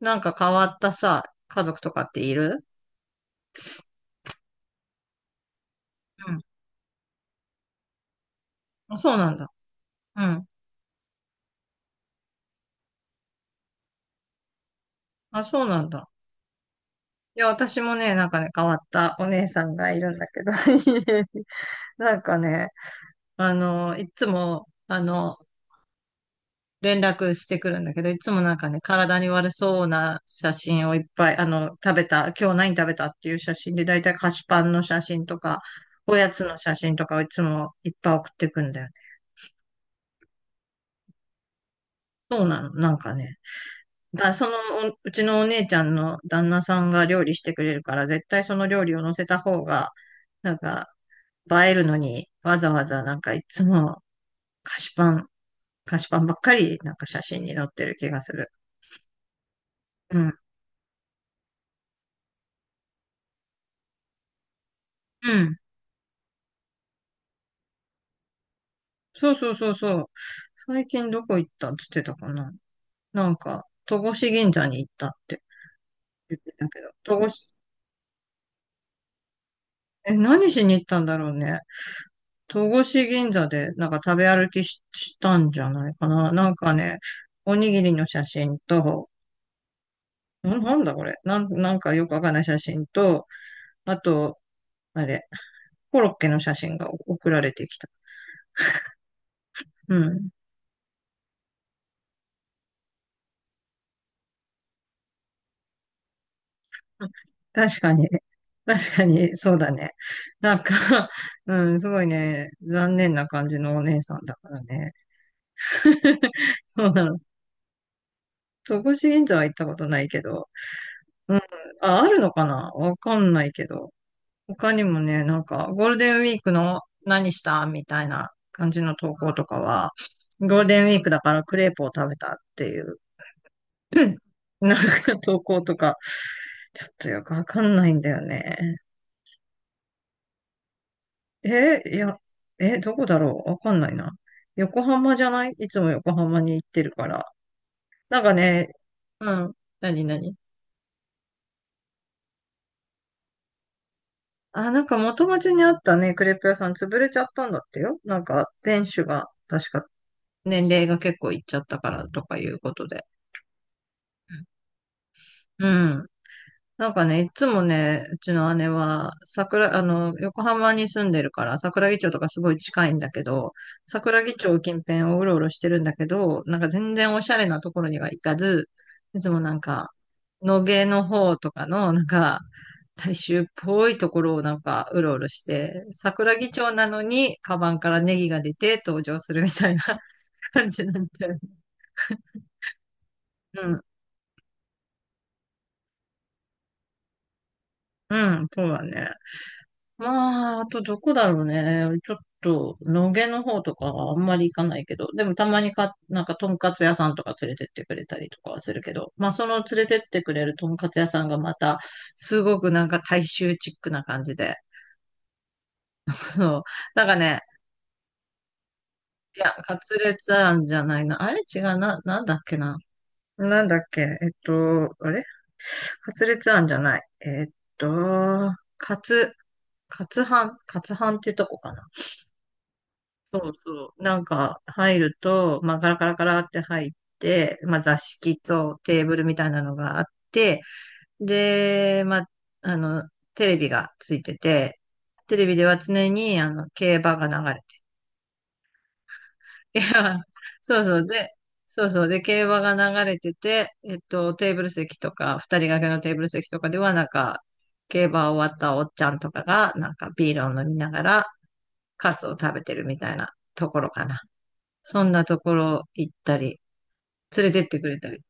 なんか変わったさ、家族とかっている？うん。あ、そうなんだ。うん。あ、そうなんだ。いや、私もね、なんかね、変わったお姉さんがいるんだけど、なんかね、いつも、連絡してくるんだけど、いつもなんかね、体に悪そうな写真をいっぱい、食べた、今日何食べたっていう写真で、だいたい菓子パンの写真とか、おやつの写真とかをいつもいっぱい送ってくんだよね。そうなの、なんかね。だ、その、おうちのお姉ちゃんの旦那さんが料理してくれるから、絶対その料理を乗せた方が、なんか、映えるのに、わざわざなんかいつも菓子パン、菓子パンばっかり、なんか写真に載ってる気がする。うん。うん。そうそうそうそう。最近どこ行ったっつってたかな。なんか、戸越銀座に行ったって言ってたけど。え、何しに行ったんだろうね。戸越銀座でなんか食べ歩きし、したんじゃないかな。なんかね、おにぎりの写真と、んなんだこれ。なんかよくわかんない写真と、あと、あれ、コロッケの写真が送られてきた。うん。確かに。確かに、そうだね。なんか うん、すごいね、残念な感じのお姉さんだからね。そうなの。戸越銀座は行ったことないけど。うん。あ、あるのかなわかんないけど。他にもね、なんか、ゴールデンウィークの何したみたいな感じの投稿とかは、ゴールデンウィークだからクレープを食べたっていう、なんか投稿とか、ちょっとよくわかんないんだよね。いや、どこだろうわかんないな。横浜じゃない、いつも横浜に行ってるから。なんかね、うん。何、何？あ、なんか元町にあったね、クレープ屋さん潰れちゃったんだってよ。なんか、店主が、確か、年齢が結構いっちゃったからとかいうことで。うん。なんかね、いつもね、うちの姉は、桜、あの、横浜に住んでるから、桜木町とかすごい近いんだけど、桜木町近辺をうろうろしてるんだけど、なんか全然おしゃれなところには行かず、いつもなんか、野毛の方とかの、なんか、大衆っぽいところをなんか、うろうろして、桜木町なのに、カバンからネギが出て登場するみたいな 感じなんだよね。うん、うん、そうだね。まあ、あとどこだろうね。ちょっと、野毛の方とかはあんまり行かないけど、でもたまにか、なんか、とんかつ屋さんとか連れてってくれたりとかはするけど、まあ、その連れてってくれるとんかつ屋さんがまた、すごくなんか大衆チックな感じで、そう。なんかね、いや、カツレツ庵じゃないな。あれ違うな、なんだっけな。なんだっけ、あれ、カツレツ庵じゃない。と、カツ、カツハンってとこかな。そうそう。なんか入ると、まあガラガラガラって入って、まあ座敷とテーブルみたいなのがあって、で、まあ、あの、テレビがついてて、テレビでは常にあの競馬が流れてる。いや、そうそう。で、そうそう。で、競馬が流れてて、テーブル席とか、二人掛けのテーブル席とかでは、なんか、競馬終わったおっちゃんとかが、なんかビールを飲みながら、カツを食べてるみたいなところかな。そんなところ行ったり、連れてってくれたり。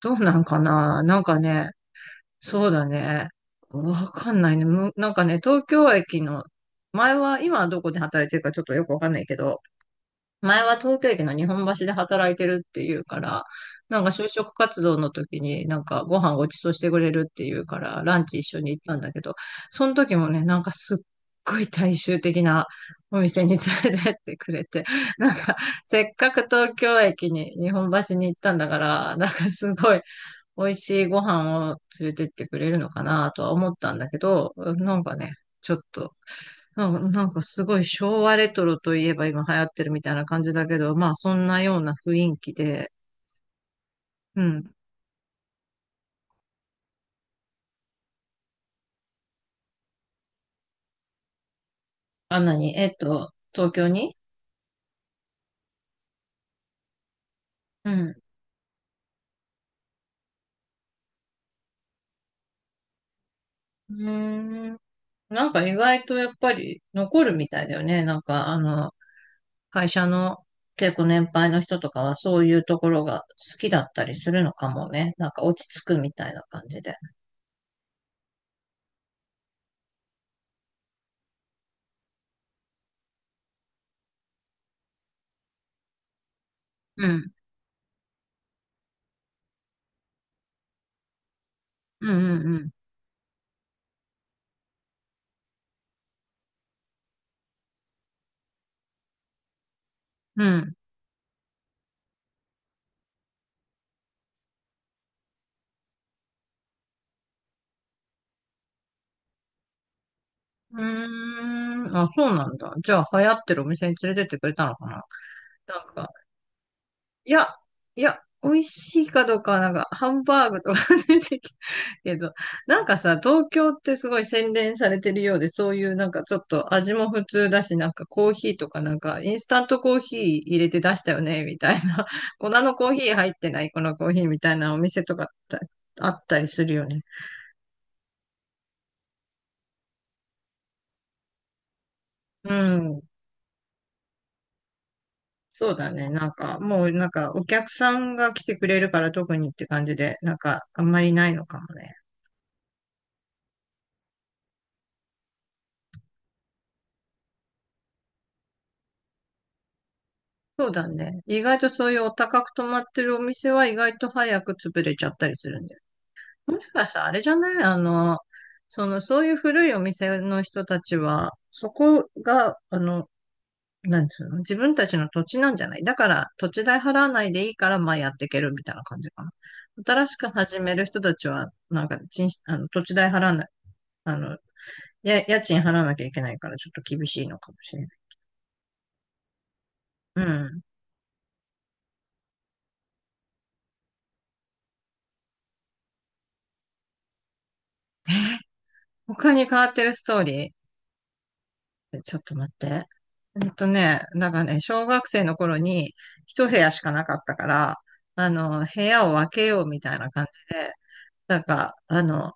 どうなんかな、なんかね、そうだね。わかんないね。なんかね、東京駅の、前は、今はどこで働いてるかちょっとよくわかんないけど、前は東京駅の日本橋で働いてるっていうから、なんか就職活動の時になんかご飯ごちそうしてくれるっていうから、ランチ一緒に行ったんだけど、その時もね、なんかすっごい大衆的なお店に連れてってくれて、なんかせっかく東京駅に日本橋に行ったんだから、なんかすごい美味しいご飯を連れてってくれるのかなとは思ったんだけど、なんかね、ちょっとうんなんかすごい昭和レトロといえば今流行ってるみたいな感じだけど、まあそんなような雰囲気で、うん。あ、なに、東京に。うん。うーん。なんか意外とやっぱり残るみたいだよね。なんか会社の結構年配の人とかはそういうところが好きだったりするのかもね。なんか落ち着くみたいな感じで。うん。うんうんうん。うん。うーん。あ、そうなんだ。じゃあ流行ってるお店に連れてってくれたのかな？なんかいや、いや、美味しいかどうかはなんか、ハンバーグとか 出てきたけど、なんかさ、東京ってすごい洗練されてるようで、そういうなんかちょっと味も普通だし、なんかコーヒーとかなんか、インスタントコーヒー入れて出したよね、みたいな。粉のコーヒー入ってない、このコーヒーみたいなお店とかってあったりするよね。うん。そうだね。なんか、もうなんか、お客さんが来てくれるから特にって感じで、なんか、あんまりないのかもね。そうだね。意外とそういうお高く泊まってるお店は意外と早く潰れちゃったりするんだよ。もしかしたらあれじゃない？そういう古いお店の人たちは、そこが、なんつうの、自分たちの土地なんじゃない？だから、土地代払わないでいいから、まあやっていけるみたいな感じかな。新しく始める人たちは、なんか、ちん、あの、土地代払わない、あの、家賃払わなきゃいけないから、ちょっと厳しいのかもしれない。うん。え、他に変わってるストーリー？ちょっと待って。うんとね、なんからね、小学生の頃に一部屋しかなかったから、部屋を分けようみたいな感じで、なんか、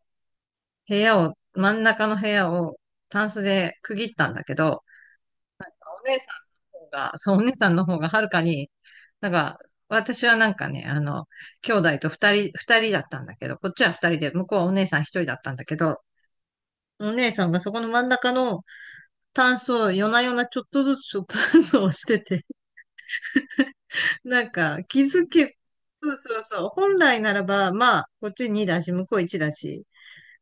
部屋を、真ん中の部屋をタンスで区切ったんだけど、お姉さんの方が、そう、お姉さんの方がはるかに、なんか、私はなんかね、兄弟と二人だったんだけど、こっちは二人で、向こうはお姉さん一人だったんだけど、お姉さんがそこの真ん中のタンスを夜な夜なちょっとずつちょっとずつ押してて、なんか、気づけ、そうそうそう。本来ならば、まあ、こっち2だし、向こう1だし、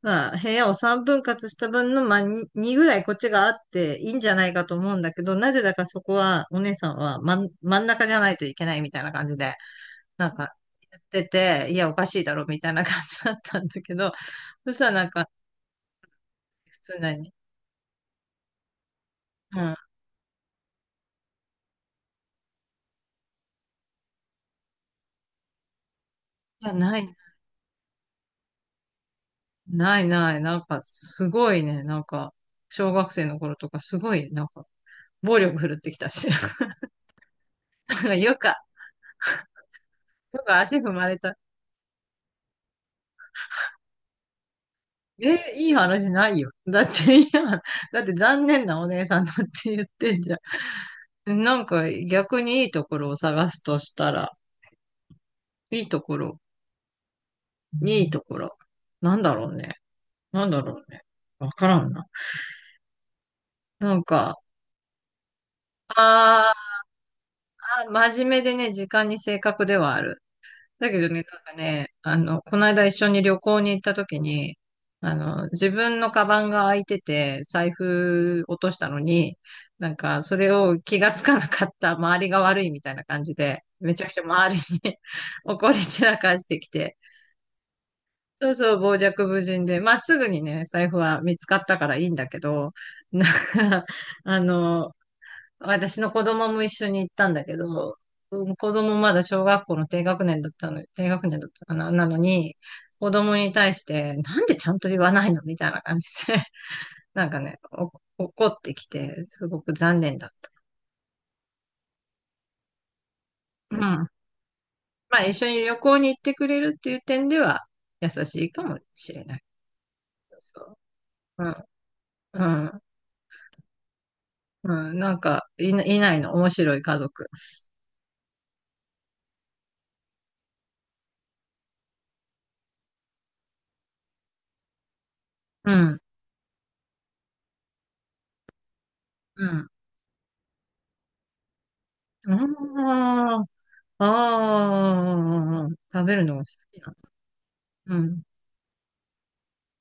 まあ、部屋を3分割した分の、まあ、2、2ぐらいこっちがあっていいんじゃないかと思うんだけど、なぜだかそこは、お姉さんは真ん中じゃないといけないみたいな感じで、なんか、言ってて、いや、おかしいだろ、みたいな感じだったんだけど、そしたらなんか、普通なに、うん。いや、ない、ないない、なんか、すごいね、なんか、小学生の頃とか、すごい、なんか、暴力振るってきたし。よか、よか足踏まれた。え、いい話ないよ。だって、いや、だって残念なお姉さんだって言ってんじゃん。なんか逆にいいところを探すとしたら、いいところ、いいところ。なんだろうね。なんだろうね。わからんな。なんか、あーあ、真面目でね、時間に正確ではある。だけどね、なんかね、この間一緒に旅行に行った時に、自分のカバンが開いてて、財布落としたのに、なんか、それを気がつかなかった周りが悪いみたいな感じで、めちゃくちゃ周りに 怒り散らかしてきて、そうそう、傍若無人で、まあ、すぐにね、財布は見つかったからいいんだけど、なんか、あの、私の子供も一緒に行ったんだけど、うん、子供まだ小学校の低学年だったの、低学年だったかな、なのに、子供に対して、なんでちゃんと言わないのみたいな感じで、なんかね、怒ってきて、すごく残念だった。うん。まあ、一緒に旅行に行ってくれるっていう点では、優しいかもしれない。そうそう。うん、うん、うん。なんか、いないの、面白い家族。うん、うん。ああ、ああ、食べるのが好き。うん。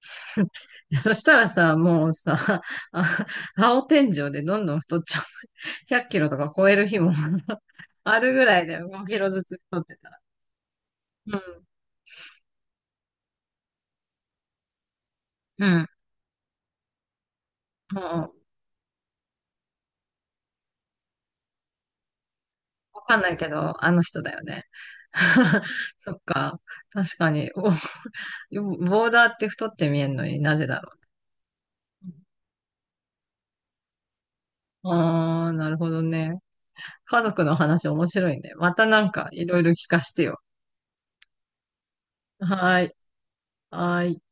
そしたらさ、もうさ、あ、青天井でどんどん太っちゃう。100キロとか超える日も あるぐらいで5キロずつ太ってたら。うん。うん。もう、わかんないけど、あの人だよね。そっか。確かに。ボーダーって太って見えるのになぜだろう。ああ、なるほどね。家族の話面白いね。またなんかいろいろ聞かせてよ。はーい。はーい。